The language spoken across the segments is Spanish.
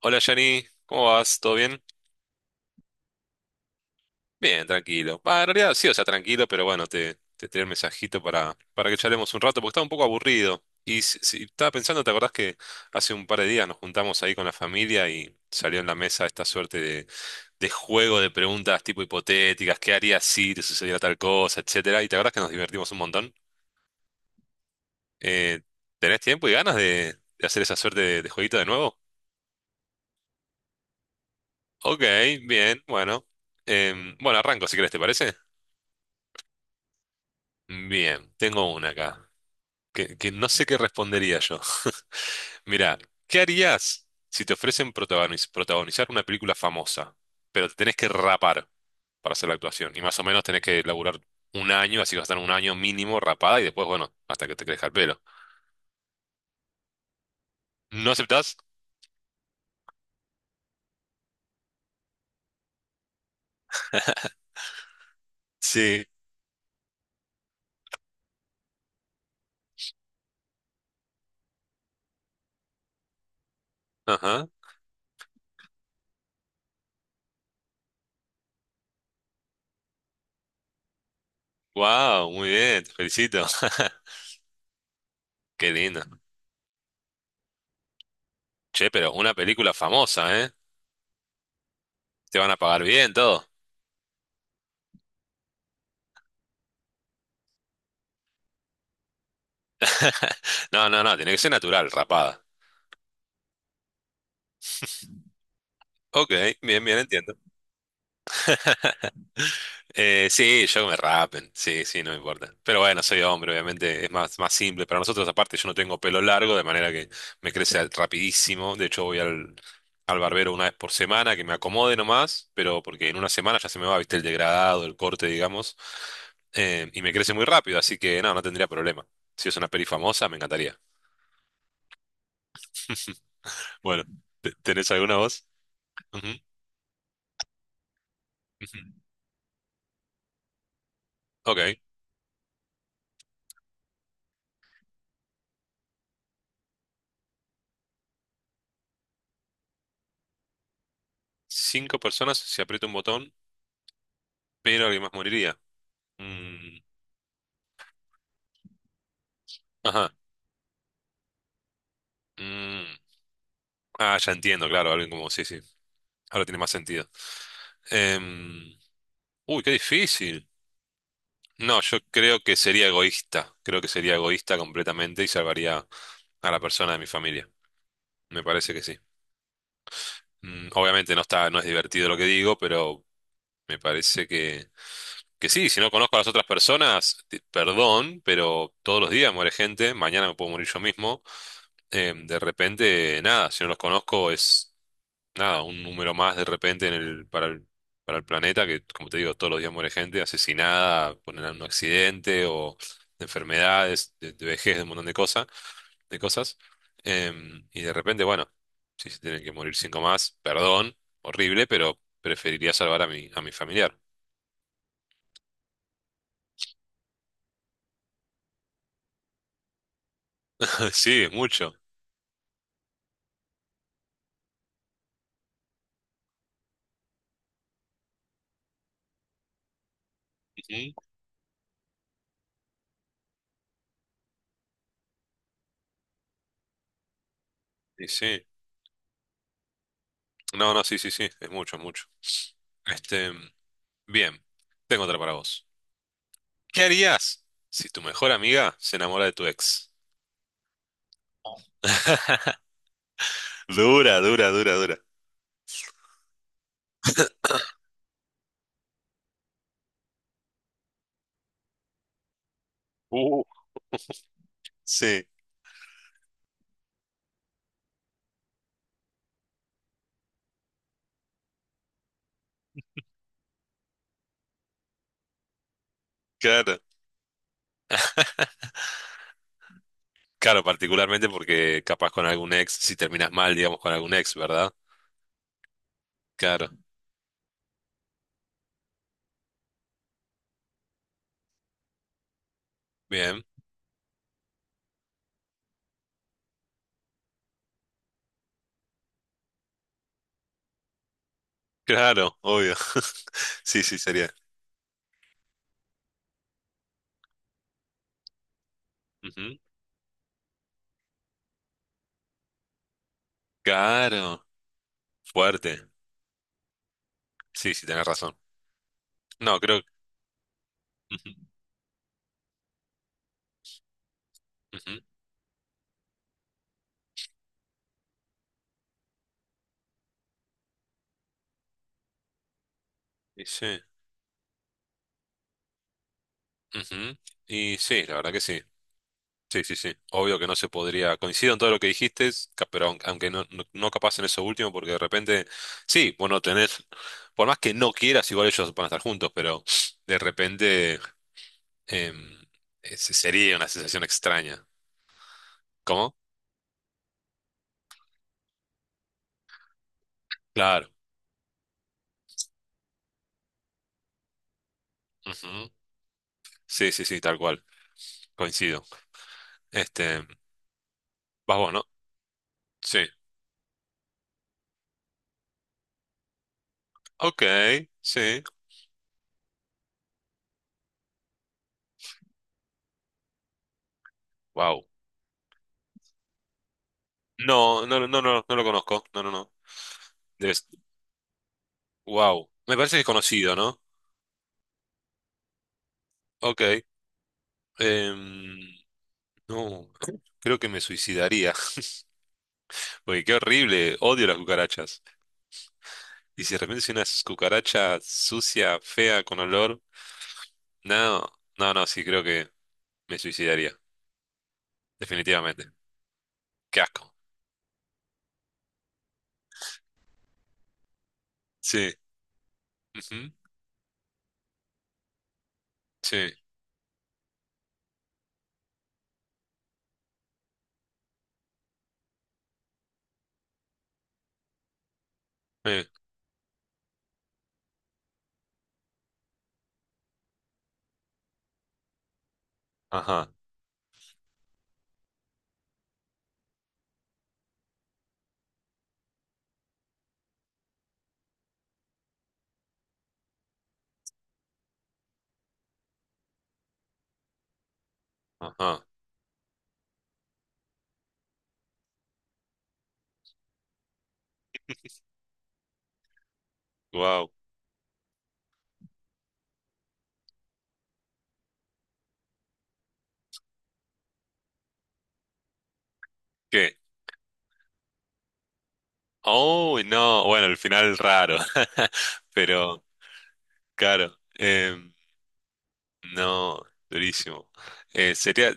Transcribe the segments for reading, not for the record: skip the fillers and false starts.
Hola Yanni, ¿cómo vas? ¿Todo bien? Bien, tranquilo. Bah, en realidad sí, o sea, tranquilo, pero bueno, te tiré el mensajito para que charlemos un rato, porque estaba un poco aburrido. Y estaba pensando, ¿te acordás que hace un par de días nos juntamos ahí con la familia y salió en la mesa esta suerte de juego de preguntas tipo hipotéticas, qué harías si te sucediera tal cosa, etcétera? Y te acordás que nos divertimos un montón. Eh, ¿Tenés tiempo y ganas de hacer esa suerte de jueguito de nuevo? Ok, bien, bueno. Bueno, arranco si querés, ¿te parece? Bien, tengo una acá, que no sé qué respondería yo. Mirá, ¿qué harías si te ofrecen protagonizar una película famosa, pero te tenés que rapar para hacer la actuación? Y más o menos tenés que laburar un año, así que vas a estar un año mínimo rapada y después, bueno, hasta que te crezca el pelo. ¿No aceptás? Sí. Ajá. Wow, muy bien, te felicito. Qué lindo. Che, pero una película famosa, ¿eh? Te van a pagar bien todo. No, no, no, tiene que ser natural, rapada. Ok, bien, bien, entiendo. Sí, yo que me rapen, sí, sí, no me importa. Pero bueno, soy hombre, obviamente es más, más simple. Para nosotros, aparte, yo no tengo pelo largo, de manera que me crece rapidísimo. De hecho, voy al barbero una vez por semana, que me acomode nomás, pero porque en una semana ya se me va, viste, el degradado, el corte, digamos. Y me crece muy rápido, así que no, no tendría problema. Si es una peli famosa, me encantaría. Bueno, ¿tenés alguna voz? Ujú, ujú. Ok. Cinco personas si aprieto un botón, pero alguien más moriría. Mm, ajá. Mm. Ah, ya entiendo, claro, alguien como, sí, sí, ahora tiene más sentido. Em, uy, qué difícil. No, yo creo que sería egoísta, creo que sería egoísta completamente y salvaría a la persona de mi familia, me parece que sí. Mm, obviamente no está, no es divertido lo que digo, pero me parece que sí, si no conozco a las otras personas, perdón, pero todos los días muere gente, mañana me puedo morir yo mismo. De repente, nada, si no los conozco es... nada, un número más de repente en para para el planeta, que como te digo, todos los días muere gente asesinada, ponen un accidente o de enfermedades, de vejez, de un montón de cosas, de cosas. Y de repente, bueno, si se tienen que morir cinco más, perdón, horrible, pero preferiría salvar a a mi familiar. Sí, es mucho. Ujú. Sí, sí. No, no, sí, sí, sí, es mucho, es mucho. Este, bien, tengo otra para vos. ¿Qué harías si tu mejor amiga se enamora de tu ex? Dura, dura, dura, dura. Uh, sí, claro. Claro, particularmente porque capaz con algún ex, si terminas mal, digamos, con algún ex, ¿verdad? Claro, bien. Claro, obvio. Sí, sí, sería. Ujú. Claro, fuerte. Sí, sí, tenés razón. No, creo. Ujú, ujú. Y sí. Ujú. Y sí, la verdad que sí. Sí, sí, sí. Obvio que no se podría. Coincido en todo lo que dijiste, pero aunque no, no, no capaz en eso último, porque de repente, sí, bueno, tenés, por más que no quieras, igual ellos van a estar juntos, pero de repente em, ese sería una sensación extraña. ¿Cómo? Claro. Ujú. Sí, sí, sí, tal cual. Coincido. Este, vas vos, ¿no? Sí. Ok, sí. Wow. No, no, no, no, no, no lo conozco. No, no, no. Debes... Wow. Me parece que es conocido, ¿no? Ok. Em, no, creo que me suicidaría, porque qué horrible, odio las cucarachas. Y si de repente soy una cucaracha sucia, fea, con olor, no, no, no, sí, creo que me suicidaría, definitivamente. Qué asco. Sí, ujú, sí, eh, ajá, ajá, wow, ¿qué? Oh, no, bueno, el final raro, pero claro, no, durísimo. Sería.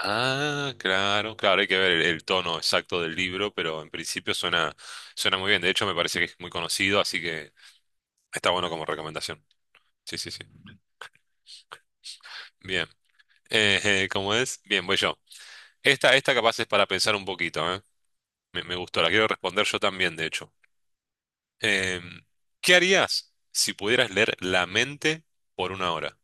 Ah, claro, claro, hay que ver el tono exacto del libro, pero en principio suena, suena muy bien. De hecho, me parece que es muy conocido, así que está bueno como recomendación. Sí, sí, sí. Bien. Eh, ¿cómo es? Bien, voy yo. Esta capaz es para pensar un poquito, ¿eh? Me gustó, la quiero responder yo también, de hecho. Em, ¿Qué harías si pudieras leer la mente por una hora?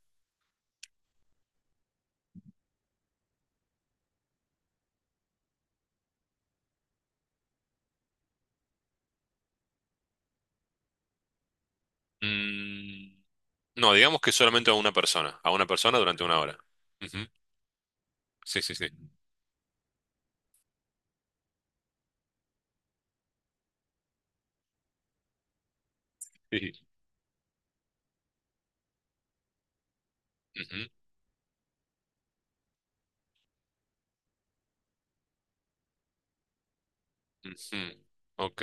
Mm, no, digamos que solamente a una persona durante una hora. Ujú. Sí, sí, sí. Sí, sí. Ujú. Ujú, ok,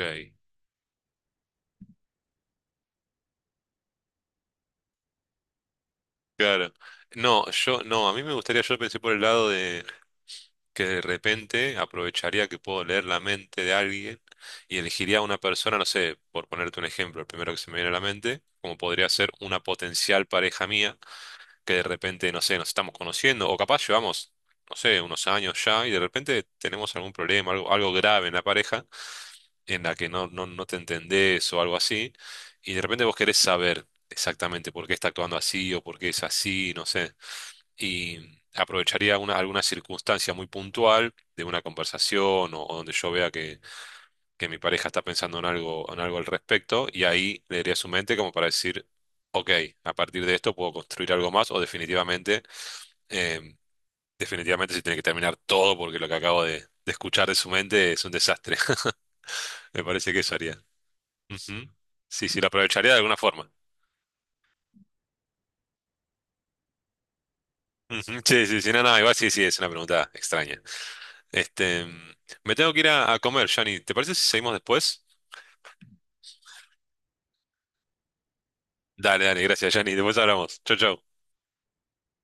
claro. No, yo no, a mí me gustaría, yo pensé por el lado de que de repente aprovecharía que puedo leer la mente de alguien y elegiría a una persona, no sé, por ponerte un ejemplo, el primero que se me viene a la mente, como podría ser una potencial pareja mía, que de repente, no sé, nos estamos conociendo, o capaz llevamos, no sé, unos años ya, y de repente tenemos algún problema, algo, algo grave en la pareja, en la que no, no, no te entendés o algo así, y de repente vos querés saber exactamente por qué está actuando así o por qué es así, no sé, y aprovecharía una, alguna circunstancia muy puntual de una conversación o donde yo vea que mi pareja está pensando en algo al respecto, y ahí leería su mente como para decir, ok, a partir de esto puedo construir algo más o definitivamente... em, definitivamente se tiene que terminar todo porque lo que acabo de escuchar de su mente es un desastre. Me parece que eso haría. Ujú. Sí, sí, lo aprovecharía de alguna forma. Ujú, sí, sí, sí, no, no, igual sí, sí, es una pregunta extraña. Este, mm, me tengo que ir a comer, Jani. ¿Te parece si seguimos después? Dale, dale, gracias, Jani. Después hablamos. Chau, chau.